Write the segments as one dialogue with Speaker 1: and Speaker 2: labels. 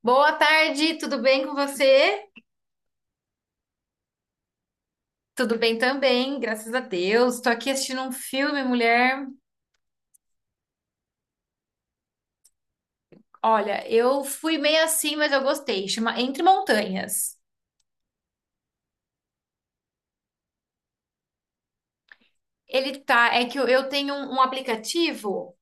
Speaker 1: Boa tarde, tudo bem com você? Tudo bem também, graças a Deus. Tô aqui assistindo um filme, mulher. Olha, eu fui meio assim, mas eu gostei. Chama Entre Montanhas. Ele tá, é que eu tenho um aplicativo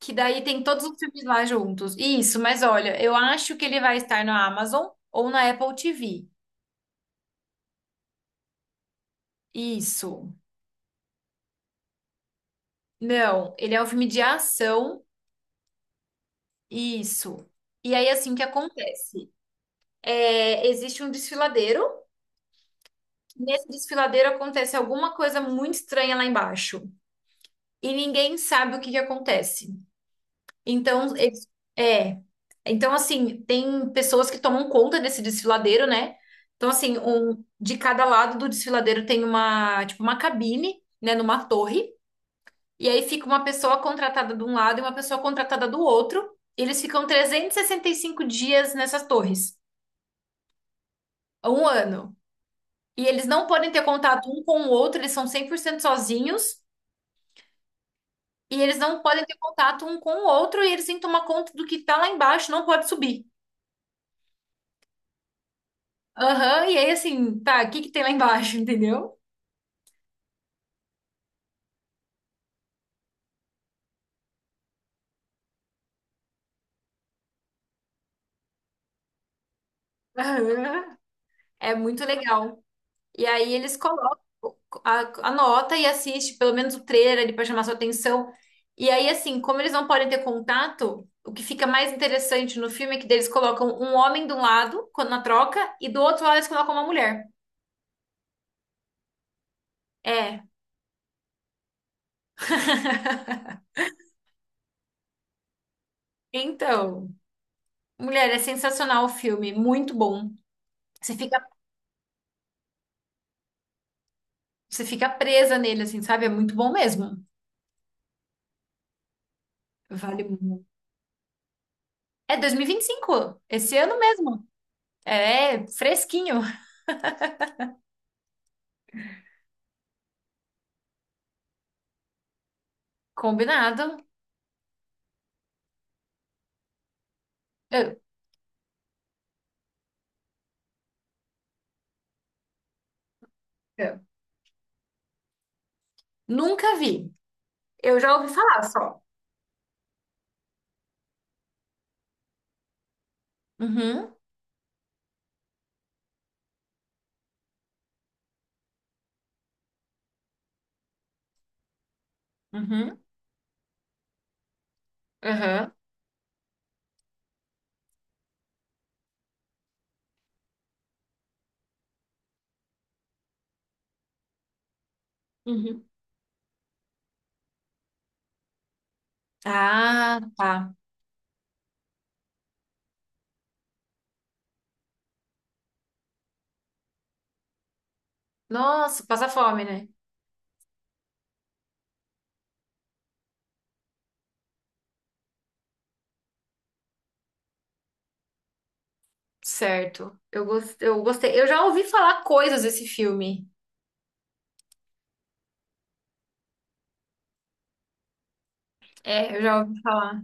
Speaker 1: que daí tem todos os filmes lá juntos. Isso, mas olha, eu acho que ele vai estar na Amazon ou na Apple TV. Isso. Não, ele é um filme de ação. Isso. E aí, assim, o que acontece? É, existe um desfiladeiro. Nesse desfiladeiro acontece alguma coisa muito estranha lá embaixo e ninguém sabe o que que acontece. Então, é. Então, assim, tem pessoas que tomam conta desse desfiladeiro, né? Então, assim, um, de cada lado do desfiladeiro tem uma, tipo, uma cabine, né, numa torre. E aí fica uma pessoa contratada de um lado e uma pessoa contratada do outro. E eles ficam 365 dias nessas torres, um ano. E eles não podem ter contato um com o outro, eles são 100% sozinhos. E eles não podem ter contato um com o outro e eles têm que tomar conta do que tá lá embaixo, não pode subir. Aham, e aí assim, tá, o que que tem lá embaixo, entendeu? Aham. É muito legal. E aí eles colocam, anota e assiste pelo menos o trailer ali pra chamar sua atenção. E aí assim, como eles não podem ter contato, o que fica mais interessante no filme é que eles colocam um homem de um lado, quando na troca, e do outro lado eles colocam uma mulher. É. Então, mulher, é sensacional o filme, muito bom. Você fica, você fica presa nele, assim, sabe? É muito bom mesmo. Vale muito. É dois mil e vinte e cinco, esse ano mesmo. É fresquinho, combinado. Eu, eu nunca vi. Eu já ouvi falar só. Uhum, uhum, uhum, uhum. Ah, tá. Nossa, passa fome, né? Certo. Eu gostei. Eu já ouvi falar coisas desse filme. É, eu já ouvi falar.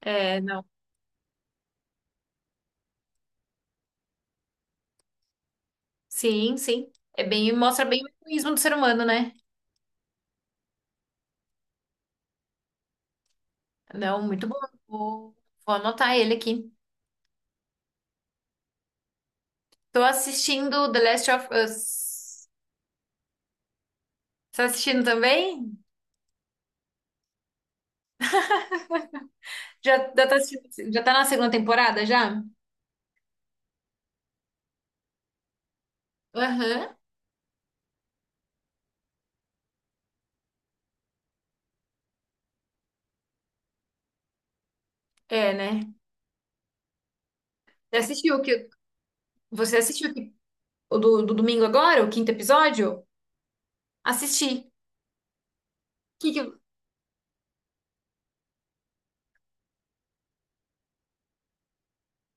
Speaker 1: É, não. Sim, sim. É bem, mostra bem o egoísmo do ser humano, né? Não, muito bom. Vou, vou anotar ele aqui. Tô assistindo The Last of Us. Tá assistindo também? Já tá na segunda temporada já? Aham. É, né? Você assistiu o que você assistiu o que- O do domingo agora, o quinto episódio? Assisti. Que que-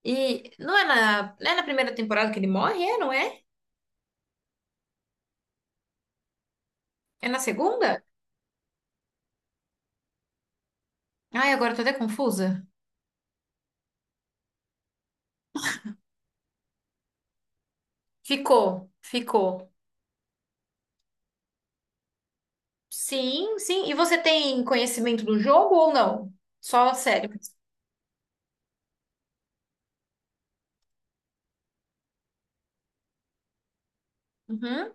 Speaker 1: e não é na, não é na primeira temporada que ele morre, é, não é? É na segunda? Ai, agora eu tô até confusa. Ficou, ficou. Sim, sim. E você tem conhecimento do jogo ou não? Só a série. Uhum.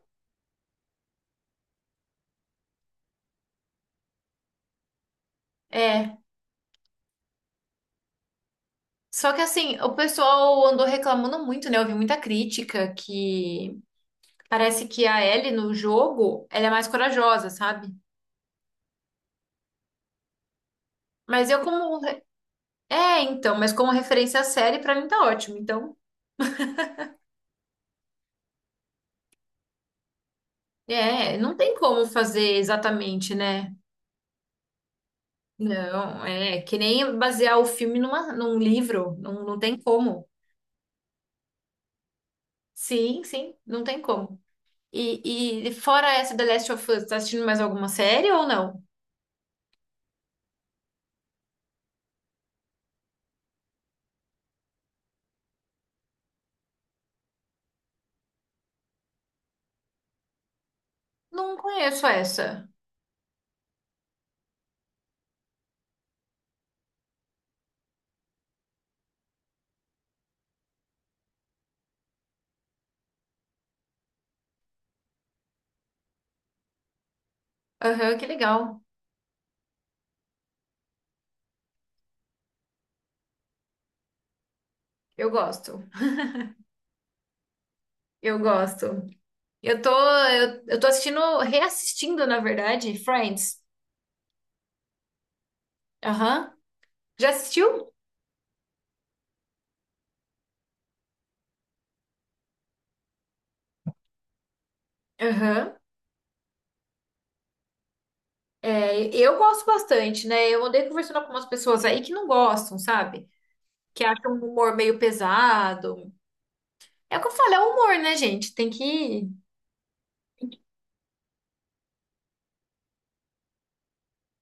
Speaker 1: É. Só que assim, o pessoal andou reclamando muito, né? Eu vi muita crítica que parece que a Ellie no jogo, ela é mais corajosa, sabe? Mas eu como re- É, então, mas como referência à série pra mim tá ótimo. Então, é, não tem como fazer exatamente, né? Não, é que nem basear o filme numa, num livro, não, não tem como. Sim, sim, não tem como. E fora essa The Last of Us, tá assistindo mais alguma série ou não? Não conheço essa. Aham, que legal. Eu gosto. Eu gosto. Eu tô assistindo, reassistindo, na verdade, Friends. Aham. Já assistiu? Aham. É, eu gosto bastante, né? Eu andei conversando com umas pessoas aí que não gostam, sabe? Que acham o humor meio pesado. É o que eu falo, é o humor, né, gente? Tem que ir.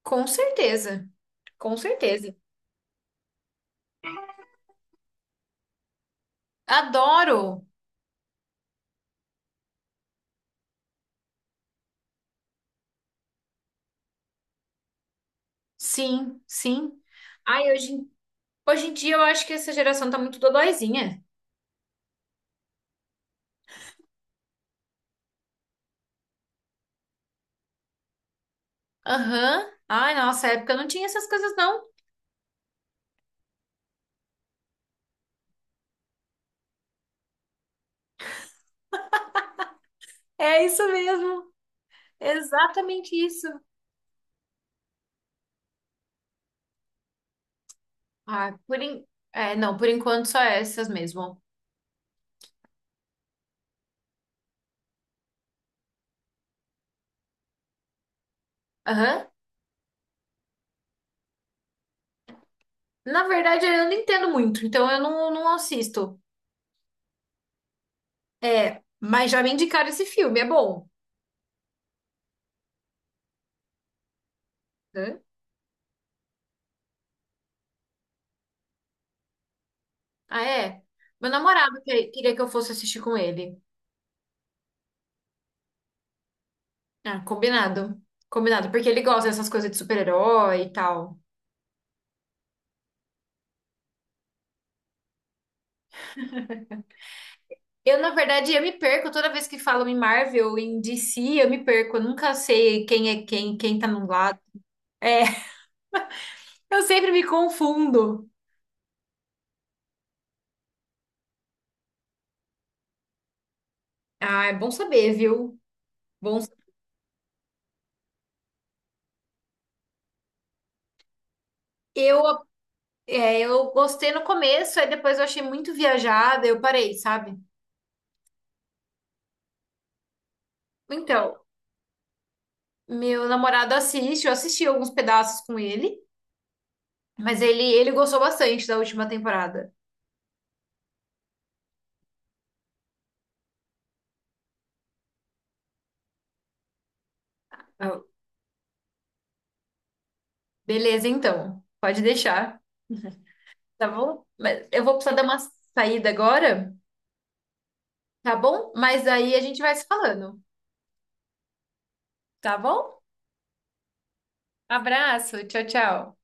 Speaker 1: Com certeza. Com certeza. Adoro. Sim, sim. Ai, hoje em dia eu acho que essa geração tá muito dodóizinha. Aham. Ai, nossa época não tinha essas coisas, não. É isso mesmo, exatamente isso. Ah, por en- não, por enquanto só essas mesmo. Aham. Na verdade, eu não entendo muito, então eu não, não assisto. É, mas já me indicaram esse filme, é bom. Hã? Ah, é? Meu namorado queria que eu fosse assistir com ele. Ah, combinado. Combinado, porque ele gosta dessas coisas de super-herói e tal. Eu, na verdade, eu me perco toda vez que falam em Marvel, em DC, eu me perco. Eu nunca sei quem é quem, quem tá num lado. É, eu sempre me confundo. Ah, é bom saber, viu? Bom, eu, eu gostei no começo, aí depois eu achei muito viajada, eu parei, sabe? Então, meu namorado assiste, eu assisti alguns pedaços com ele, mas ele gostou bastante da última temporada. Eu, Beleza, então, pode deixar, tá bom? Mas eu vou precisar dar uma saída agora. Tá bom? Mas aí a gente vai se falando, tá bom? Abraço, tchau, tchau.